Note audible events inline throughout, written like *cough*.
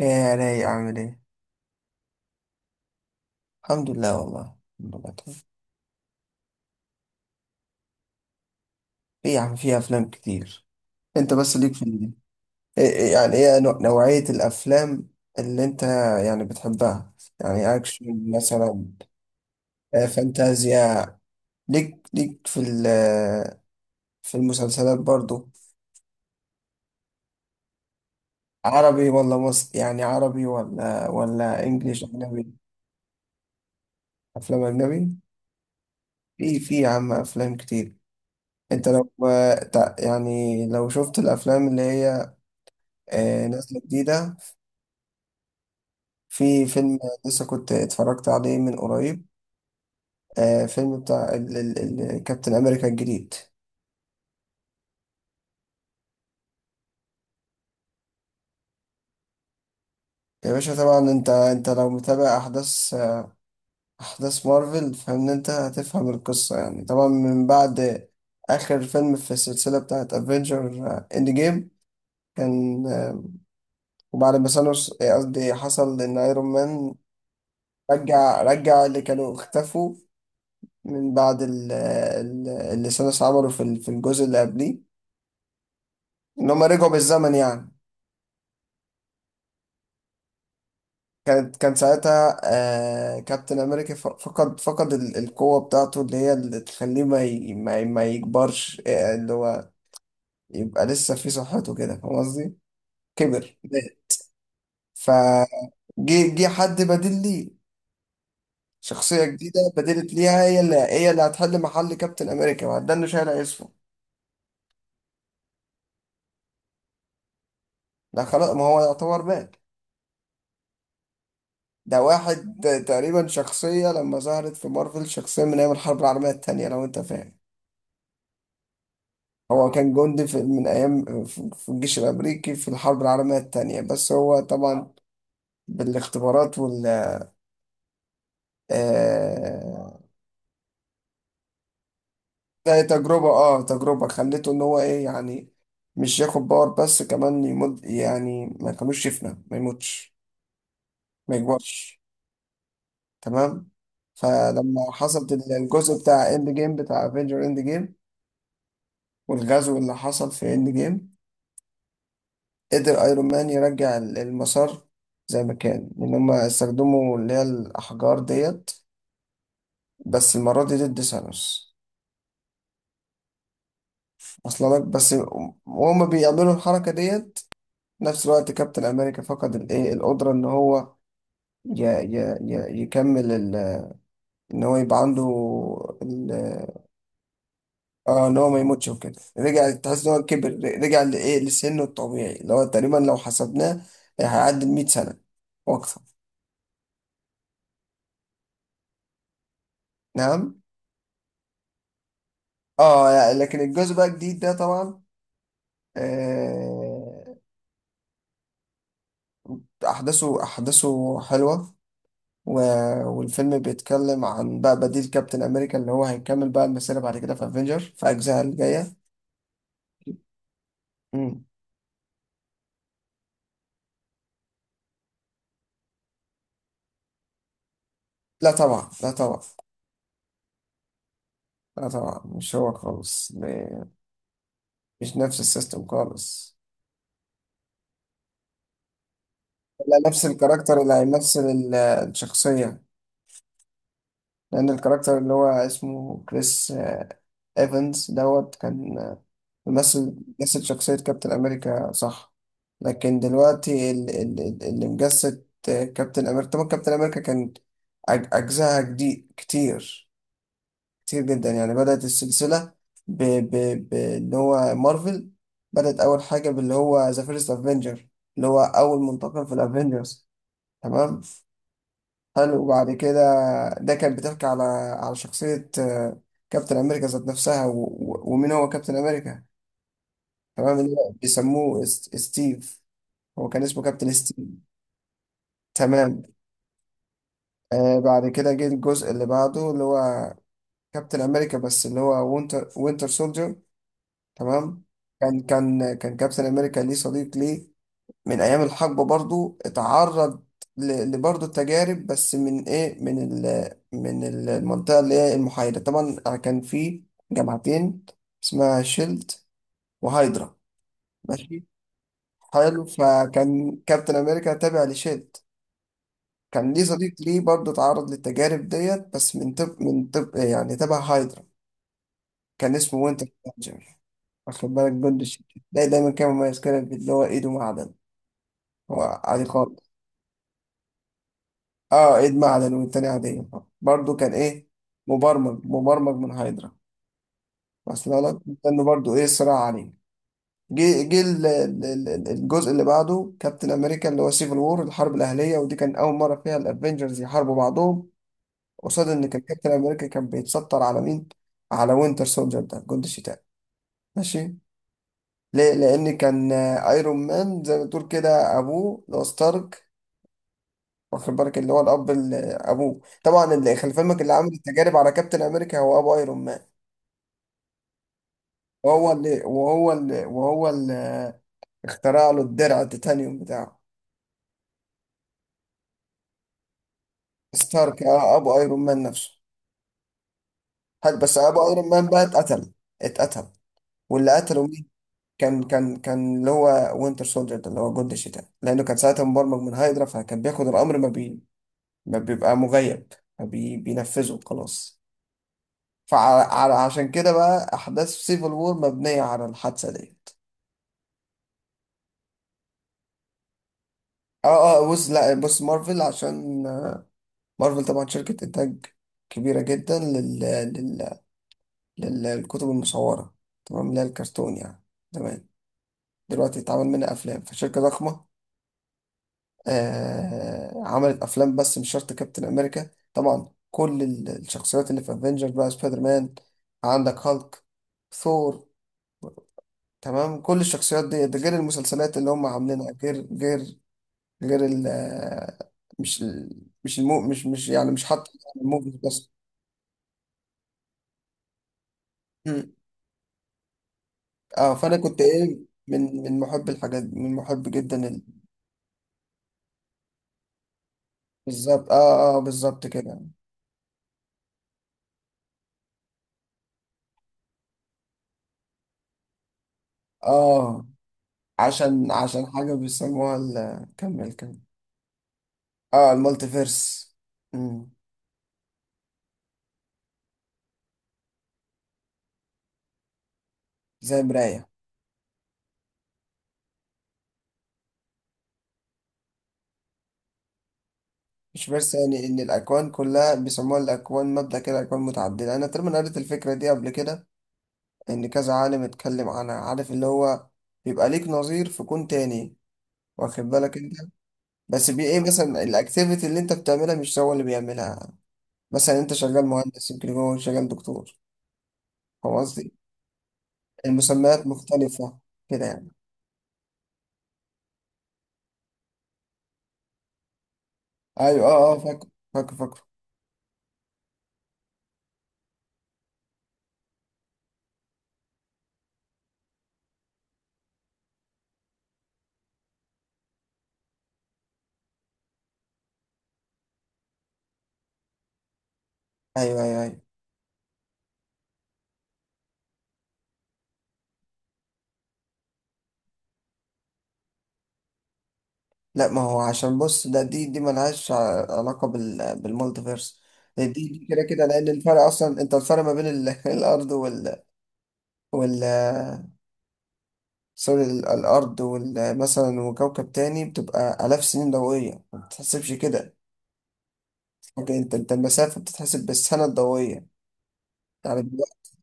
ايه يا رايق، عامل ايه؟ الحمد لله، والله الحمد لله تمام. ايه يا عم في افلام كتير. انت بس ليك في إيه يعني ايه نوعية الافلام اللي انت يعني بتحبها، يعني اكشن مثلا، فانتازيا. ليك في ال في المسلسلات برضو. عربي ولا مصري، يعني عربي ولا انجليش اجنبي. افلام اجنبي. في يا عم افلام كتير. انت لو يعني لو شفت الافلام اللي هي نازلة جديدة. في فيلم لسه كنت اتفرجت عليه من قريب، فيلم بتاع كابتن أمريكا الجديد. يا باشا طبعا انت لو متابع احداث احداث مارفل فان انت هتفهم القصة. يعني طبعا من بعد اخر فيلم في السلسلة بتاعت افنجر اند جيم كان، وبعد ما ثانوس، قصدي حصل ان ايرون مان رجع اللي كانوا اختفوا من بعد اللي ثانوس عمله في في الجزء اللي قبليه، ان هم رجعوا بالزمن يعني. كان ساعتها آه كابتن امريكا فقد القوة بتاعته اللي هي اللي تخليه ما يكبرش، اللي هو يبقى لسه في صحته، كده فاهم قصدي؟ كبر. فجي جه حد بديل ليه، شخصية جديدة بدلت ليها، هي اللي هتحل محل كابتن امريكا، ما ده اللي شايل اسمه. ده خلاص، ما هو يعتبر مات. ده واحد، تقريبا شخصية لما ظهرت في مارفل، شخصية من أيام الحرب العالمية التانية لو أنت فاهم. هو كان جندي في من أيام في الجيش الأمريكي في الحرب العالمية التانية، بس هو طبعا بالاختبارات وال آه، ده تجربة، اه تجربة خليته إن هو إيه يعني، مش ياخد باور بس، كمان يمد يعني ما كانوش يفنى، ما يموتش، ما يكبرش. تمام. فلما حصلت الجزء بتاع إند جيم بتاع افنجر إند جيم، والغزو اللي حصل في إند جيم، قدر ايرون مان يرجع المسار زي ما كان، ان هم استخدموا اللي هي الاحجار ديت بس المره دي ضد ثانوس. اصلا لك بس، وهم بيعملوا الحركه ديت نفس الوقت، كابتن امريكا فقد الايه القدره ان هو ي ي ي يكمل ان هو يبقى عنده ال- اه، ان هو ما يموتش وكده. رجع، تحس ان هو كبر، رجع لايه، لسنه الطبيعي اللي هو تقريبا لو حسبناه هيعدي ال 100 سنه واكثر. نعم. اه يعني لكن الجزء بقى الجديد ده طبعا، آه، احداثه حلوه، و... والفيلم بيتكلم عن بقى بديل كابتن امريكا اللي هو هيكمل بقى المسيره بعد كده في افنجر، في اجزاء الجايه. مم. لا طبعا، لا طبعا، لا طبعا مش هو خالص مش نفس السيستم خالص. لا، نفس الكاركتر اللي هيمثل الشخصيه، لان الكاركتر اللي هو اسمه كريس، ايفنز دوت، كان مثل، مثل شخصية كابتن أمريكا صح، لكن دلوقتي اللي مجسد كابتن أمريكا، طبعا كابتن أمريكا كان أجزائها جديد كتير، كتير جدا. يعني بدأت السلسلة ب... ب... اللي هو مارفل، بدأت أول حاجة باللي هو ذا فيرست أفنجر، اللي هو أول منتقم في الأفنجرز. تمام. حلو. وبعد كده ده كان بتحكي على على شخصية، كابتن أمريكا ذات نفسها، ومين هو كابتن أمريكا، تمام، اللي هو بيسموه ستيف. هو كان اسمه كابتن ستيف. تمام. آه بعد كده جه الجزء اللي بعده اللي هو كابتن امريكا، بس اللي هو وينتر سولجر. تمام. كان كابتن امريكا ليه صديق ليه من ايام الحقبه، برضو اتعرض لبرضو التجارب، بس من ايه، من ال من المنطقه اللي هي المحايده. طبعا كان في جماعتين اسمها شيلد وهايدرا. ماشي. حلو، فكان كابتن امريكا تابع لشيلد، كان ليه صديق ليه برضه اتعرض للتجارب ديت، بس من طب، من طب يعني تبع هايدرا، كان اسمه وينتر سولجر، واخد بالك، جند الشتاء. ده دايما كان مميز كده، اللي هو ايده معدن، هو عادي خالص. اه، ايد معدن والتاني عادية، برضه كان ايه، مبرمج من هايدرا، بس لا لا كان برضه ايه، صراع عليه. جه جه الجزء اللي بعده، كابتن امريكا اللي هو سيفل وور، الحرب الاهليه، ودي كان اول مره فيها الافنجرز يحاربوا بعضهم، قصاد ان كان كابتن امريكا كان بيتستر على مين، على وينتر سولجر ده، جندي الشتاء. ماشي. ليه، لان كان ايرون مان زي ما تقول كده ابوه اللي هو ستارك، واخد بالك اللي هو الاب، اللي ابوه طبعا اللي خلي فهمك، اللي عامل التجارب على كابتن امريكا هو ابو ايرون مان، وهو اللي اخترع له الدرع التيتانيوم بتاعه. ستارك، ابو ايرون مان نفسه. هل بس ابو ايرون مان بقى اتقتل، اتقتل، واللي قتله مين؟ كان اللي هو وينتر سولجر ده اللي هو جندي الشتاء، لانه كان ساعتها مبرمج من هايدرا، فكان بياخد الامر ما بيبقى مغيب، ما بي... بينفذه خلاص. فعشان كده بقى احداث سيفل وور مبنيه على الحادثه ديت. اه اه بص، لا بص، مارفل عشان مارفل طبعا شركه انتاج كبيره جدا للكتب المصوره، تمام، اللي هي الكرتون يعني. تمام. دلوقتي اتعمل منها افلام، فشركه ضخمه، آه عملت افلام. بس مش شرط كابتن امريكا، طبعا كل الشخصيات اللي في افنجر بقى سبايدر مان، عندك هالك، ثور، تمام، كل الشخصيات دي، ده غير المسلسلات اللي هم عاملينها، غير غير غير ال مش مش المو مش مش يعني مش حاطط الموفيز بس. مم. اه فانا كنت ايه، من محب الحاجات دي، من محب جدا بالظبط، اه اه بالظبط كده. اه عشان حاجه بيسموها كمل كمل. اه المالتي فيرس. مم. زي مراية. مش فيرس، يعني ان الاكوان كلها بيسموها الاكوان، مبدأ كده، اكوان متعددة، انا تقريبا قريت الفكرة دي قبل كده، ان كذا عالم اتكلم عنها، عارف اللي هو بيبقى ليك نظير في كون تاني، واخد بالك انت، بس بي ايه، مثلا الاكتيفيتي اللي انت بتعملها مش هو اللي بيعملها، مثلا انت شغال مهندس يمكن هو شغال دكتور، فاهم قصدي؟ المسميات مختلفة كده يعني. ايوه اه اه فاكر، فاكر فاكر. ايوه ايوه ايوه. لا ما هو عشان بص، ده دي ملهاش علاقة بالمالتيفيرس، دي كده كده، لأن الفرق أصلا أنت، الفرق ما بين *laughs* الأرض وال وال، سوري، الأرض وال مثلا وكوكب تاني، بتبقى آلاف سنين ضوئية، ما بتتحسبش كده. لكن أنت، المسافة بتتحسب بالسنة الضوئية يعني دلوقتي.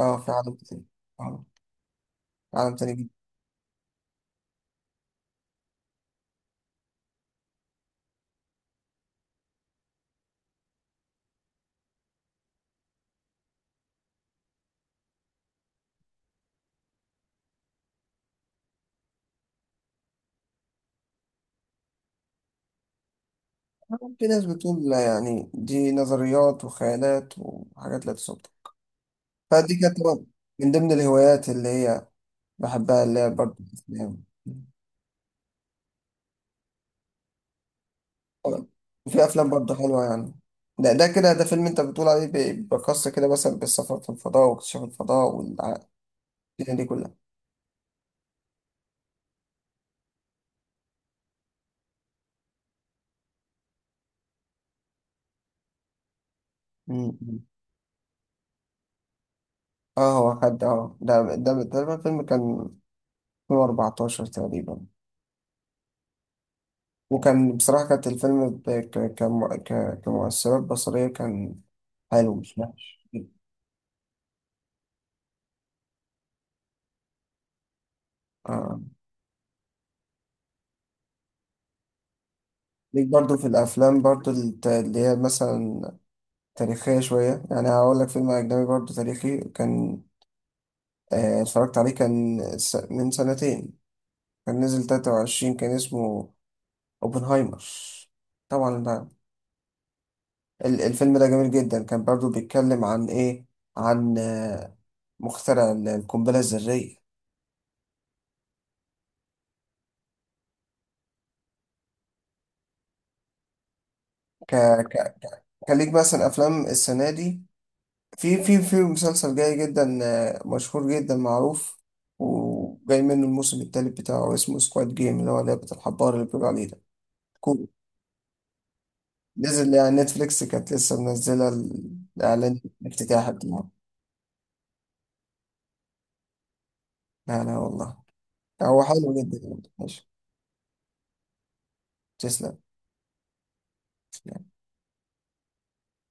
أه، في عالم تاني. أه، في عالم تاني جدا. في ناس بتقول لا، يعني دي نظريات وخيالات وحاجات لا تصدق. فدي كانت طبعاً من ضمن الهوايات اللي هي بحبها، اللي هي برضه الأفلام. آه، في افلام برضه حلوه يعني. ده ده كده ده فيلم انت بتقول عليه بيقص كده مثلا بالسفر في الفضاء واكتشاف الفضاء والدنيا دي كلها. مم. اه هو خد، اه ده ده ده تقريبا فيلم كان 2014 تقريبا. وكان بصراحة كانت الفيلم كمؤثرات بصرية كان حلو، مش وحش. آه. ليك برضو في الأفلام برضو اللي هي مثلا تاريخية شوية، يعني هقول لك فيلم أجنبي برضو تاريخي كان، اتفرجت عليه كان من سنتين، كان نزل 23، كان اسمه اوبنهايمر. طبعا بقى الفيلم ده جميل جدا، كان برضو بيتكلم عن ايه، عن مخترع القنبلة الذرية. ك... ك... كليك مثلا افلام السنة دي، في مسلسل جاي جدا، مشهور جدا معروف، وجاي منه الموسم التالت بتاعه، اسمه سكواد جيم، اللي هو لعبة الحبار اللي بيقولوا عليه، ده نزل يعني نتفليكس كانت لسه منزلة الإعلان الافتتاح بتاعه. لا لا والله، هو حلو جدا، ماشي. تسلم.